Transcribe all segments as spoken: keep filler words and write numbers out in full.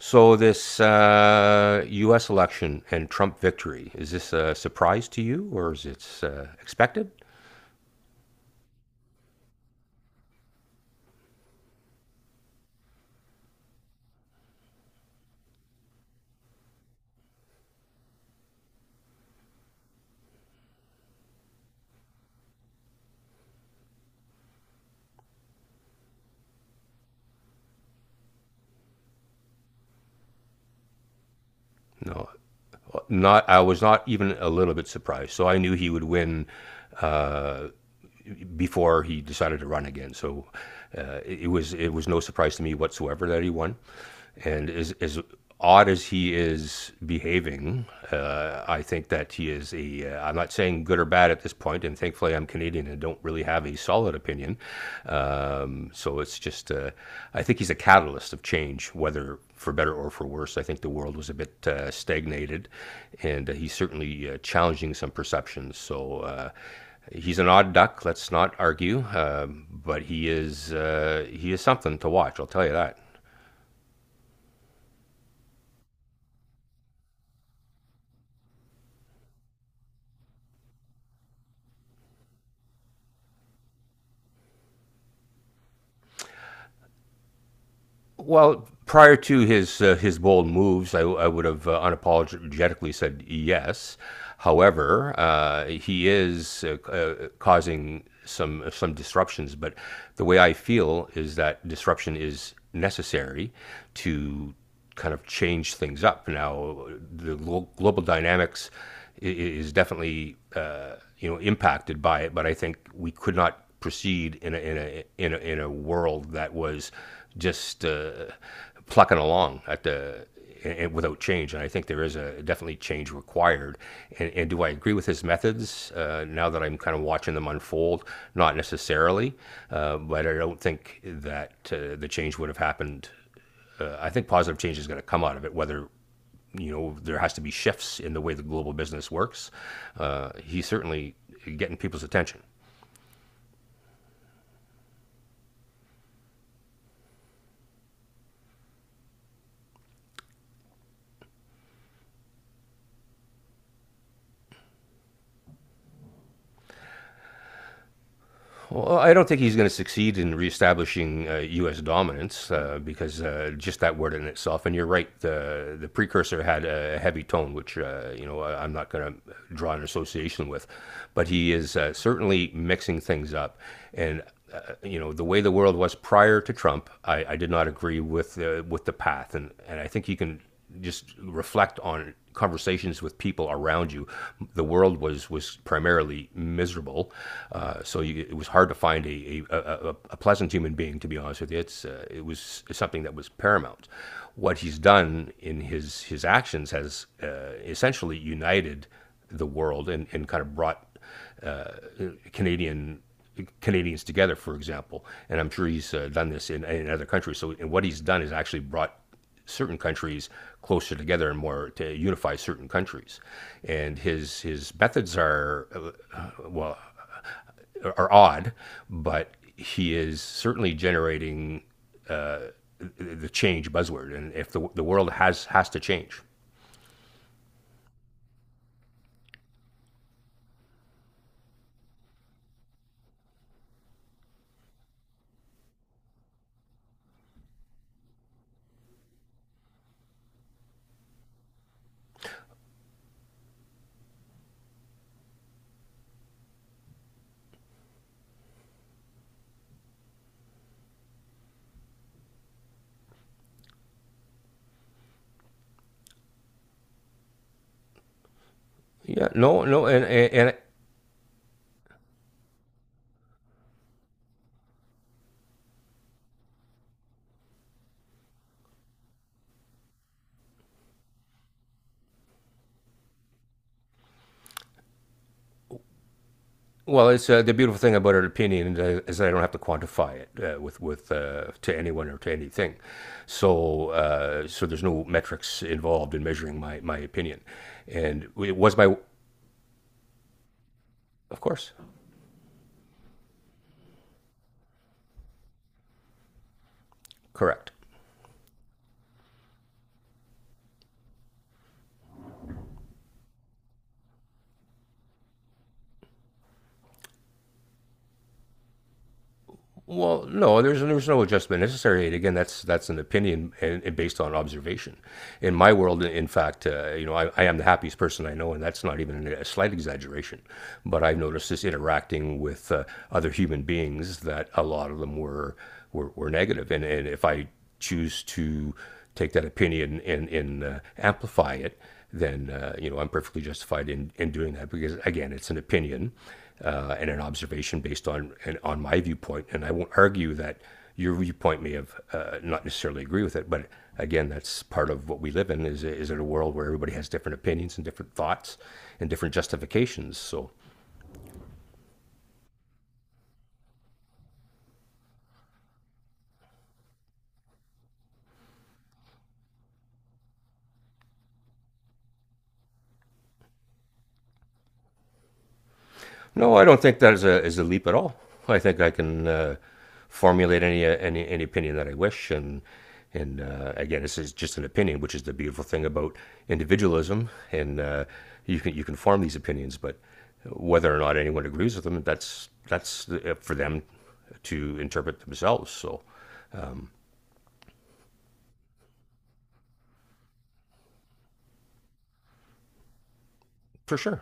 So this uh, U S election and Trump victory, is this a surprise to you, or is it uh, expected? No, not. I was not even a little bit surprised. So I knew he would win before he decided to run again. So uh, it, it was it was no surprise to me whatsoever that he won. And as, as odd as he is behaving, uh, I think that he is a. Uh, I'm not saying good or bad at this point, and thankfully I'm Canadian and don't really have a solid opinion. Um, so it's just, uh, I think he's a catalyst of change, whether for better or for worse. I think the world was a bit uh, stagnated, and uh, he's certainly uh, challenging some perceptions. So. Uh, he's an odd duck. Let's not argue, um, but he is uh, he is something to watch. I'll tell you that. Well, prior to his uh, his bold moves, I, I would have uh, unapologetically said yes. However, uh, he is uh, uh, causing some some disruptions. But the way I feel is that disruption is necessary to kind of change things up. Now, the global dynamics is definitely uh, you know impacted by it, but I think we could not proceed in a in a in a, in a world that was just uh, plucking along at the and without change. And I think there is a definitely change required. And, and do I agree with his methods uh, now that I'm kind of watching them unfold? Not necessarily, uh, but I don't think that uh, the change would have happened. uh, I think positive change is going to come out of it, whether you know there has to be shifts in the way the global business works. Uh, he's certainly getting people's attention. Well, I don't think he's going to succeed in reestablishing uh, U S dominance uh, because uh, just that word in itself. And you're right, the the precursor had a heavy tone, which uh, you know I- am not going to draw an association with, but he is uh, certainly mixing things up. And uh, you know the way the world was prior to Trump, I, I did not agree with uh, with the path, and and I think you can just reflect on conversations with people around you. The world was was primarily miserable, uh, so you, it was hard to find a, a, a, a pleasant human being. To be honest with you, it's uh, it was something that was paramount. What he's done in his his actions has uh, essentially united the world and, and kind of brought uh, Canadian Canadians together, for example. And I'm sure he's uh, done this in, in other countries. So, and what he's done is actually brought certain countries closer together and more to unify certain countries. And his his methods are uh, well are odd, but he is certainly generating the change buzzword. And if the the world has has to change, yeah, no, no, and. And Well, it's uh, the beautiful thing about an opinion is I- don't have to quantify it uh, with with uh, to anyone or to anything. So uh, so there's no metrics involved in measuring my my opinion, and it was my, of course, correct. Well, no, there's there's no adjustment necessary. And again, that's that's an opinion and, and based on observation. In my world, in fact, uh, you know, I, I am the happiest person I know, and that's not even a slight exaggeration. But I've noticed this interacting with uh, other human beings that a lot of them were were, were negative, and and if I choose to take that opinion and, and uh, amplify it, then uh, you know I'm perfectly justified in, in doing that because again, it's an opinion uh, and an observation based on and on my viewpoint, and I won't argue that your viewpoint may have uh, not necessarily agree with it, but again, that's part of what we live in is is in a world where everybody has different opinions and different thoughts and different justifications. So no, I don't think that is a is a leap at all. I think I can uh, formulate any uh, any any opinion that I wish, and and uh, again, this is just an opinion, which is the beautiful thing about individualism, and uh, you can you can form these opinions, but whether or not anyone agrees with them, that's that's uh, for them to interpret themselves. So for sure.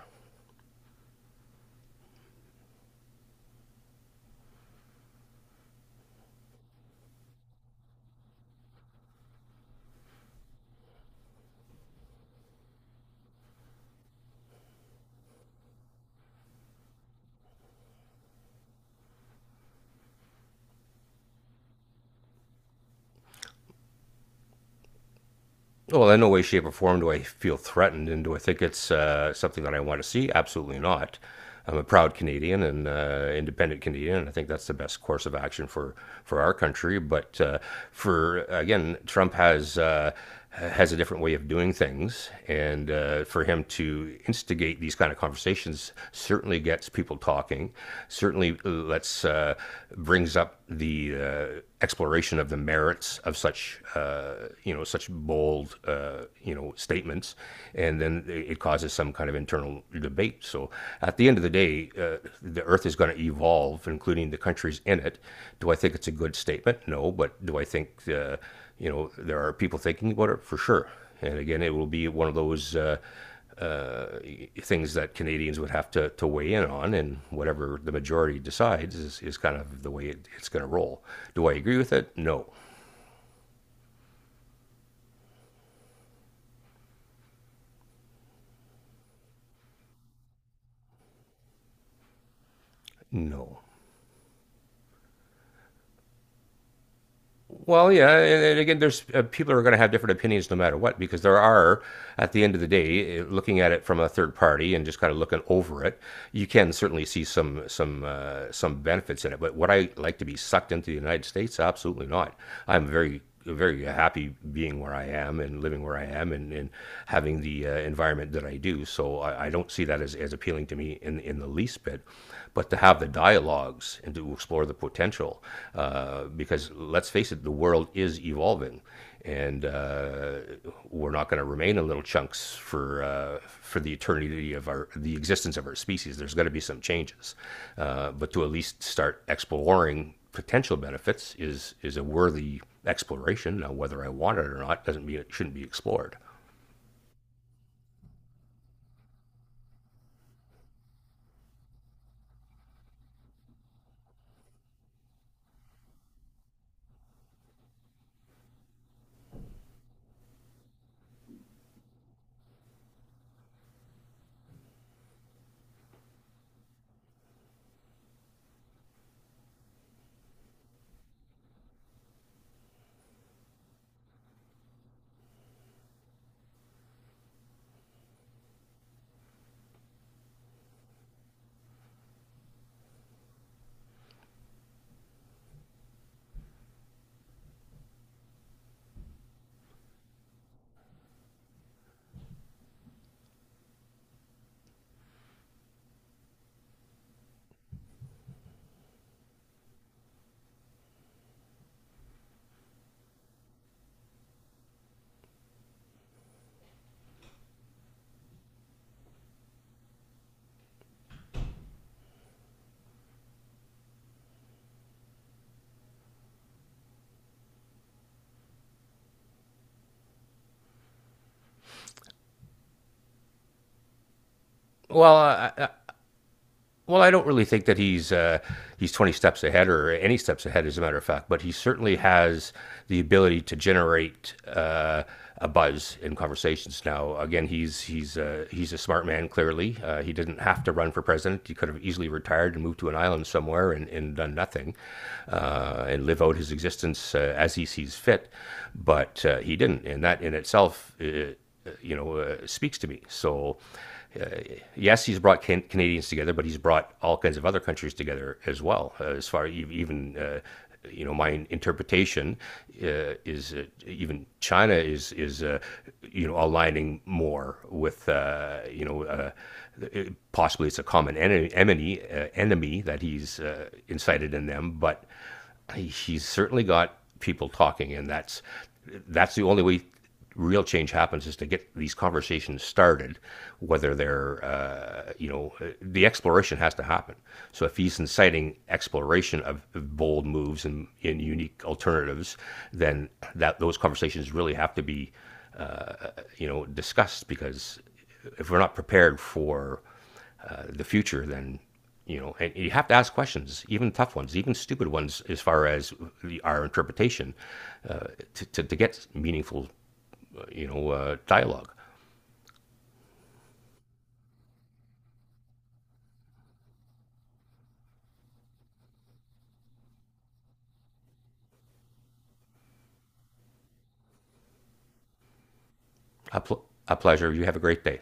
Oh, well, in no way, shape, or form do I feel threatened, and do I think it's uh, something that I want to see? Absolutely not. I'm a proud Canadian and uh, independent Canadian, and I think that's the best course of action for, for our country. But uh, for again, Trump has uh, has a different way of doing things, and uh, for him to instigate these kind of conversations certainly gets people talking. Certainly uh, lets uh, uh, brings up the uh, exploration of the merits of such uh, you know such bold uh, you know statements, and then it causes some kind of internal debate. So at the end of the day, uh, the Earth is going to evolve, including the countries in it. Do I think it's a good statement? No, but do I think uh, you know there are people thinking about it for sure? And again, it will be one of those uh, things that Canadians would have to, to weigh in on, and whatever the majority decides is, is kind of the way it, it's going to roll. Do I agree with it? No, no. Well, yeah, and again, there's uh, people are going to have different opinions no matter what because there are, at the end of the day, eh, looking at it from a third party and just kind of looking over it, you can certainly see some some uh, some benefits in it. But would I like to be sucked into the United States? Absolutely not. I'm very very happy being where I am and living where I am and, and having the uh, environment that I do. So I, I don't see that as, as appealing to me in, in the least bit. But to have the dialogues and to explore the potential, uh, because let's face it, the world is evolving and uh, we're not going to remain in little chunks for uh, for the eternity of our the existence of our species. There's going to be some changes, uh, but to at least start exploring potential benefits is is a worthy exploration. Now, whether I want it or not doesn't mean it shouldn't be explored. Well, I, Well, I don't really think that he's uh, he's twenty steps ahead or any steps ahead, as a matter of fact. But he certainly has the ability to generate uh, a buzz in conversations. Now, again, he's he's uh, he's a smart man. Clearly, uh, he didn't have to run for president. He could have easily retired and moved to an island somewhere and, and done nothing uh, and live out his existence uh, as he sees fit. But uh, he didn't, and that in itself. Uh, you know, uh, speaks to me. So yes, he's brought can- Canadians together, but he's brought all kinds of other countries together as well. Uh, as far e- even uh, you know, my interpretation uh, is uh, even China is is uh, you know aligning more with uh, you know. Uh, it- Possibly it's a common en- enemy, uh, enemy that he's uh, incited in them, but he's certainly got people talking, and that's that's the only way real change happens is to get these conversations started, whether they're, uh, you know, uh, the exploration has to happen. So if he's inciting exploration of of bold moves and, and unique alternatives, then that those conversations really have to be you know, discussed because if we're not prepared for uh, the future, then you know, and you have to ask questions, even tough ones, even stupid ones, as far as the, our interpretation, uh, to, to, to get meaningful, uh, you know, uh, dialogue. A, pl- a pleasure. You have a great day.